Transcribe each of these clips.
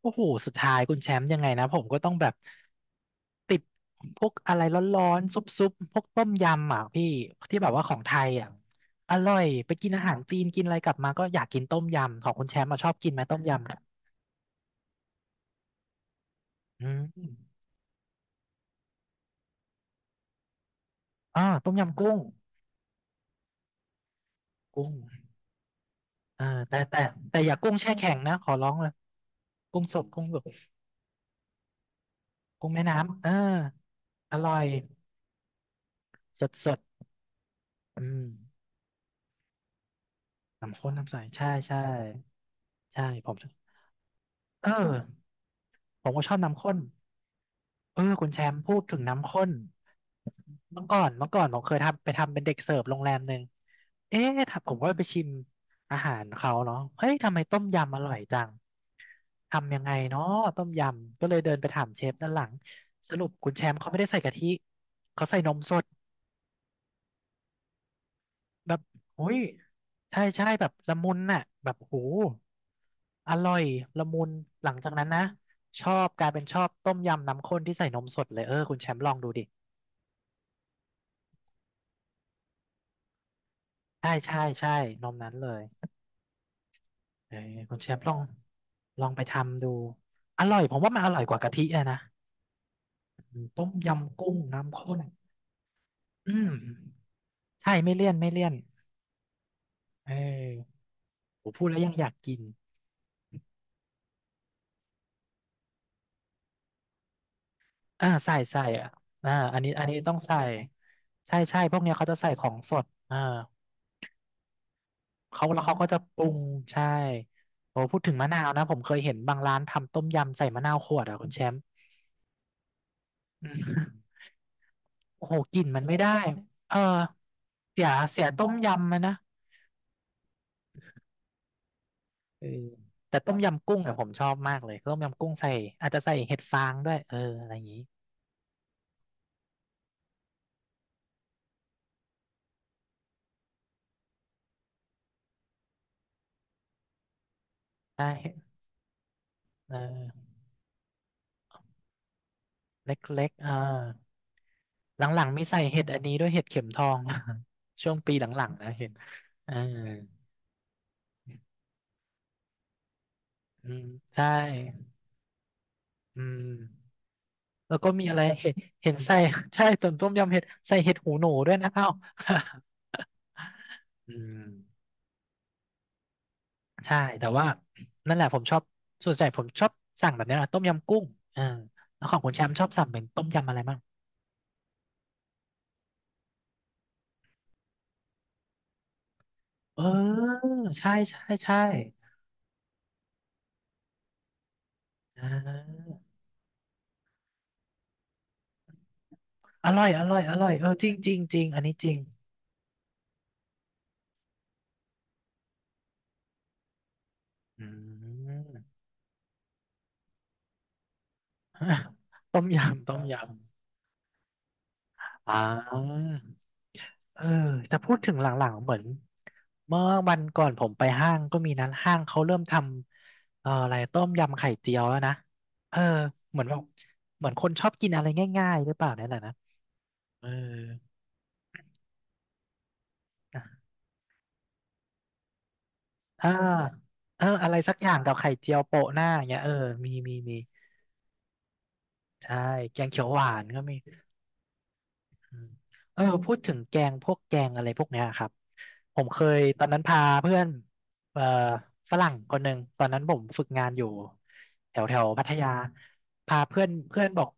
โอ้โหสุดท้ายคุณแชมป์ยังไงนะผมก็ต้องแบบติดพวกอะไรร้อนๆซุปๆพวกต้มยำอ่ะพี่ที่แบบว่าของไทยอ่ะอร่อยไปกินอาหารจีนกินอะไรกลับมาก็อยากกินต้มยำของคุณแชมป์มาชอบกินไหมต้มยำอะอืมอ่าต้มยำกุ้งกุ้งอ่าแต่แต่แต่อย่ากุ้งแช่แข็งนะขอร้องเลยกุ้งสดกุ้งสดกุ้งแม่น้ำเอออร่อยสดสดอืมน้ำข้นน้ำใสใช่ใช่ใช่ผมชอบเออผมก็ชอบน้ำข้น เออคุณแชมป์พูดถึงน้ำข้นเมื่อก่อนเมื่อก่อนผมเคยทำไปทำเป็นเด็กเสิร์ฟโรงแรมหนึ่งเอ๊ะถ้าผมก็ไปชิมอาหารเขาเนาะเฮ้ยทำไมต้มยำอร่อยจัง ทำยังไงเนาะต้มยำก็เลยเดินไปถามเชฟด้านหลังสรุปคุณแชมป์เขาไม่ได้ใส่กะทิเขาใส่นมสดแบบโอ้ยใช่ใช่แบบละมุนน่ะแบบโหอร่อยละมุนหลังจากนั้นนะชอบกลายเป็นชอบต้มยำน้ำข้นที่ใส่นมสดเลยเออคุณแชมป์ลองดูดิ ใช่ใช่ใช่นมนั้นเลยเออคุณเชฟลองลองไปทำดูอร่อยผมว่ามันอร่อยกว่ากะทิอะนะอืมต้มยำกุ้งน้ำข้นอืมใช่ไม่เลี่ยนไม่เลี่ยนเออผมพูดแล้วยังอยากกินอ่าใส่ใส่อ่ะอ่าอันนี้อันนี้ต้องใส่ใช่ใช่พวกเนี้ยเขาจะใส่ของสดอ่าเขาแล้วเขาก็จะปรุงใช่โอ้พูดถึงมะนาวนะผมเคยเห็นบางร้านทำต้มยำใส่มะนาวขวดอ่ะคุณแชมป์อืม โอ้โหกลิ่นมันไม่ได้ เออเสียเสียต้มยำมันนะเออแต่ต้มยำกุ้งเนี่ยผมชอบมากเลยต้มยำกุ้งใส่อาจจะใส่เห็ดฟางด้วยเอออะไรอย่างนี้ใช่เออเล็กๆเออหลังๆมีใส่เห็ดอันนี้ด้วยเห็ดเข็มทอง ช่วงปีหลังๆนะเห็นเอออืมใช่อืมแล้วก็มีอะไรเห็นเห็นใส่ ใช่ต้มต้มยำเห็ดใส่เห็ดหูหนูด้วยนะเอ้า อืม ใช่แต่ว่านั่นแหละผมชอบส่วนใหญ่ผมชอบสั่งแบบนี้นะต้มยำกุ้งอ่าแล้วของคุณแชมป์ชอบสั่งเป็นต้มยำอะไรบ้างเออใช่ใช่ใช่อ่าอร่อยอร่อยอร่อยเออจริงจริงจริงอันนี้จริงอืม ต้มยำต้มยำอ่า เออแต่พูดถึงหลังๆเหมือนเมื่อวันก่อนผมไปห้างก็มีนั้นห้างเขาเริ่มทำอะไรต้มยำไข่เจียวแล้วนะเออเหมือนแบบเหมือนคนชอบกินอะไรง่ายๆหรือเปล่าเนี่ยแหละนะเออนะอ่าเอออะไรสักอย่างกับไข่เจียวโปะหน้าอย่างเงี้ยเออมีมีมีใช่แกงเขียวหวานก็มี อืมเออพูดถึงแกงพวกแกงอะไรพวกเนี้ยครับผมเคยตอนนั้นพาเพื่อนเอ่อฝรั่งคนหนึ่งตอนนั้นผมฝึกงานอยู่แถวแถวพัทยาพาเพื่อนเพื่อนบอก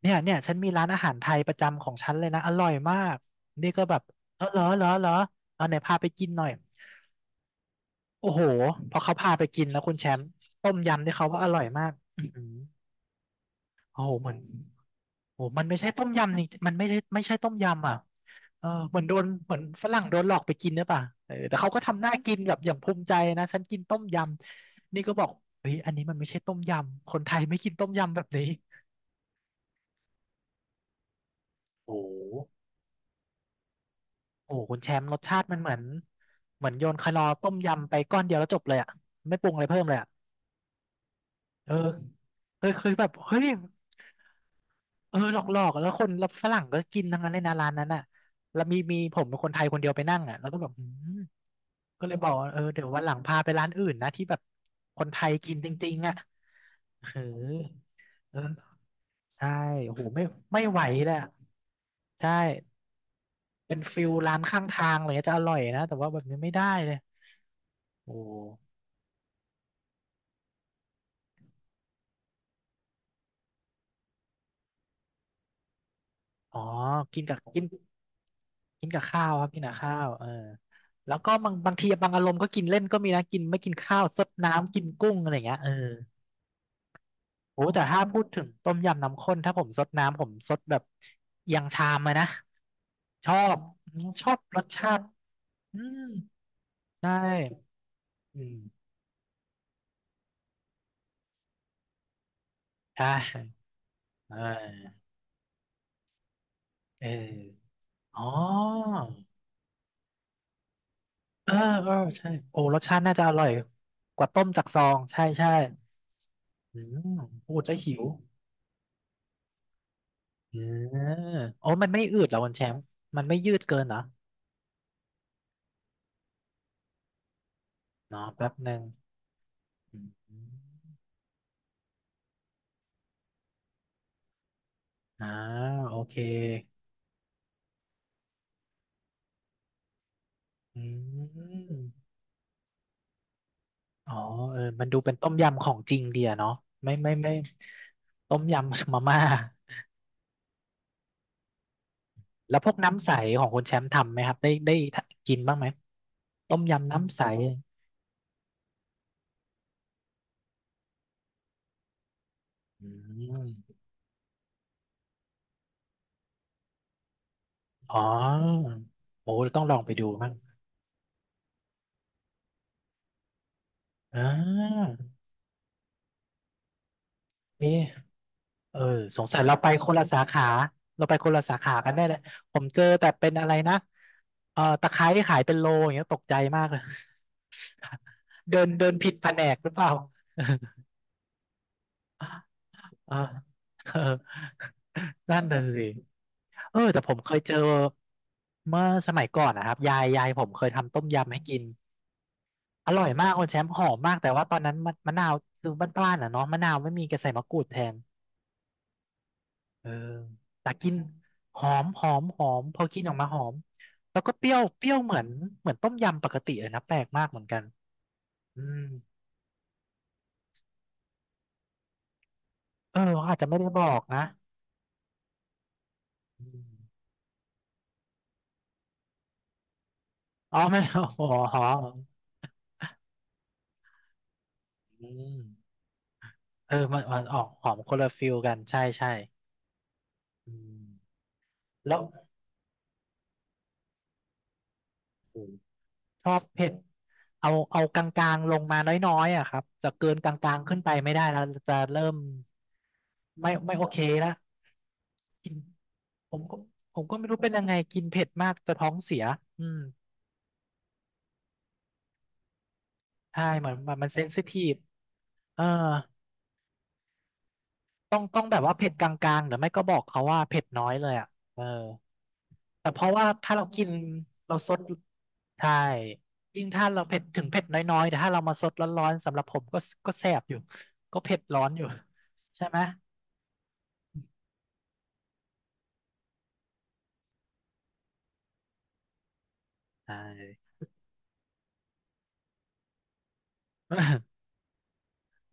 เนี่ยเนี่ยฉันมีร้านอาหารไทยประจำของฉันเลยนะอร่อยมากนี่ก็แบบเออเหรอเหรอเหรอเอาไหนพาไปกินหน่อยโอ้โหพอเขาพาไปกินแล้วคุณแชมป์ต้มยำที่เขาว่าอร่อยมากอือหือ โอ้โหเหมือนโอ้โหมันไม่ใช่ต้มยำนี่มันไม่ใช่ไม่ใช่ต้มยำอ่ะเออเหมือนโดนเหมือนฝรั่งโดนหลอกไปกินหรือเปล่าเออแต่เขาก็ทำหน้ากินแบบอย่างภูมิใจนะฉันกินต้มยำนี่ก็บอกเฮ้ยอันนี้มันไม่ใช่ต้มยำคนไทยไม่กินต้มยำแบบนี้โอ้โหโอ้โหคุณแชมป์รสชาติมันเหมือนเหมือนโยนคลอต้มยำไปก้อนเดียวแล้วจบเลยอ่ะไม่ปรุงอะไรเพิ่มเลยอ่ะ เออเคยเคยแบบเฮ้ยเออหลอกๆแล้วคนแล้วฝรั่งก็กินทั้งนั้นเลยนะร้านนั้นอ่ะแล้วมีมีผมเป็นคนไทยคนเดียวไปนั่งอ่ะแล้วก็แบบอืมก็เลยบอกว่าเออเดี๋ยววันหลังพาไปร้านอื่นนะที่แบบคนไทยกินจริงๆอ่ะเออเออใช่โอ้โหไม่ไม่ไหวเลยอะใช่เป็นฟิลร้านข้างทางอะไรเงี้ยจะอร่อยนะแต่ว่าแบบนี้ไม่ได้เลยโอ้อ๋อกินกับกิน กินกับข้าวครับกินกับข้าวเออแล้วก็บางบางทีบางอารมณ์ก็กินเล่นก็มีนะกินไม่กินข้าวซดน้ำกินกุ้งอะไรเงี้ยเออโอ้แต่ถ้าพูดถึงต้มยำน้ำข้นถ้าผมซดน้ำผมซดแบบเอียงชามเลยนะชอบอืมชอบรสชาติอืมใช่อืมใช่เออเอออ๋อเออเออใช่โอ้รสชาติน่าจะอร่อยกว่าต้มจากซองใช่ใช่อืมพูดแล้วหิว อ่าโอ้มันไม่อืดเหรอคุณแชมป์มันไม่ยืดเกินเหรอเนาะแป๊บหนึ่งอมอ่าโอเคอืมอ๋อเออมันดูเป็นต้มยำของจริงเดียเนาะไม่ไม่ไม่ต้มยำมาม่าแล้วพวกน้ำใสของคุณแชมป์ทำไหมครับได้ได้กินบ้างไหมต้มยำน้ำใสอืมอ๋อโอ้ต้องลองไปดูบ้างอ่าเอ๊ะ เออสงสัยเราไปคนละสาขาเราไปคนละสาขากันแน่เลยผมเจอแต่เป็นอะไรนะตะไคร้ที่ขายเป็นโลอย่างเงี้ยตกใจมากเลย เดินเดินผิดแผนกหรือเปล่าเออ เออ นั่นน่ะสิเออแต่ผมเคยเจอเมื่อสมัยก่อนนะครับยายผมเคยทำต้มยำให้กินอร่อยมากคุณแชมป์หอมมากแต่ว่าตอนนั้นมะนาวคือบ้านๆอ่ะเนาะมะนาวไม่มีแกใส่มะกรูดแทน เออแต่กลินหอมหอมหอมพอกินออกมาหอมแล้วก็เปรี้ยวเปรี้ยวเหมือนเหมือนต้มยำปกติเลยนะแปลกมากเหมือนกันอืมเออเขาอาจจะไม่ได้บอกนะอืมอ๋อไม่อ๋อหอมอืมเออมันออกหอมคนละฟิลกันใช่ใช่อืมแล้วชอบเผ็ดเอากลางๆลงมาน้อยๆอ่ะครับจะเกินกลางๆขึ้นไปไม่ได้แล้วจะเริ่มไม่ไม่โอเคละ กินผมก็ผมก็ไม่รู้เป็นยังไงกินเผ็ดมากจะท้องเสียอืมใช่เหมือนมันเซนซิทีฟเออต้องแบบว่าเผ็ดกลางๆหรือไม่ก็บอกเขาว่าเผ็ดน้อยเลยอ่ะเออแต่เพราะว่าถ้าเรากินเราซดใช่ยิ่งถ้าเราเผ็ดถึงเผ็ดน้อยๆแต่ถ้าเรามาซดร้อนๆสำหรับผมก็ก็แสบอยู่ก็เผ็ดร้อนอยู่ใช่ไหมใช่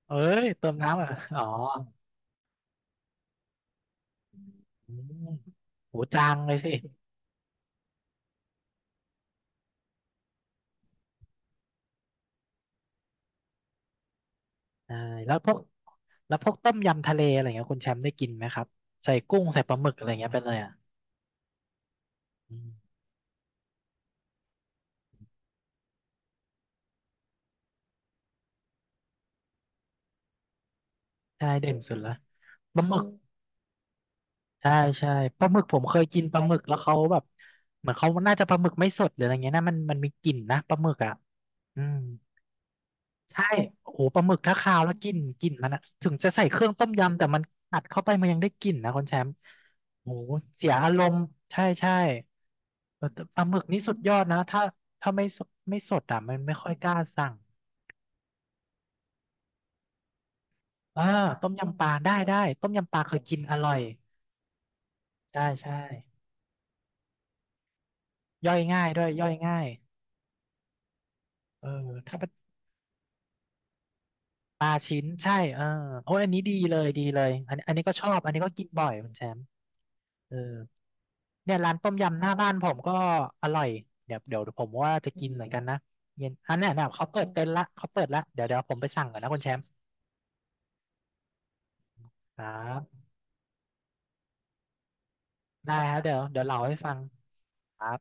เอ้ยเติมน้ำเหรอ่ะอ๋ออืมโหจางเลยสิ ใช่แล้วพวกแล้วพวกต้มยำทะเลอะไรเงี้ยคุณแชมป์ได้กินไหมครับใส่กุ้งใส่ปลาหมึกอะไรเงี้ยไปเลยอ่ะอืมใช่เด่นสุดละปลาหมึกใช่ใช่ปลาหมึกผมเคยกินปลาหมึกแล้วเขาแบบเหมือนเขาน่าจะปลาหมึกไม่สดหรืออะไรเงี้ยนะมันมีกลิ่นนะปลาหมึกอ่ะอืม ใช่โอ้โหปลาหมึกถ้าคาวแล้วกลิ่นกลิ่นมันอะถึงจะใส่เครื่องต้มยำแต่มันอัดเข้าไปมันยังได้กลิ่นนะคุณแชมป์โอ้โหเสียอารมณ์ ใช่ใช่เออแต่ปลาหมึกนี่สุดยอดนะ ถ้าถ้าไม่สดไม่สดอ่ะมันไม่ค่อยกล้าสั่งอ่าต้มยำปลาได้ได้ต้มยำปลาเคยกินอร่อยใช่ใช่ย่อยง่ายด้วยย่อยง่ายเออถ้า ปลาชิ้นใช่เออโอ้ยอันนี้ดีเลยดีเลยอันนี้ก็ชอบอันนี้ก็กินบ่อยคุณแชมป์เออเนี่ยร้านต้มยำหน้าบ้านผมก็อร่อยเดี๋ยวผมว่าจะกินเหมือนกันนะเย็นอันเนี้ยนะเขาเปิดเต็นท์ละเขาเปิดละเดี๋ยวผมไปสั่งก่อนนะคุณแชมป์ครับได้ครับเดี๋ยวเล่าให้ฟังครับ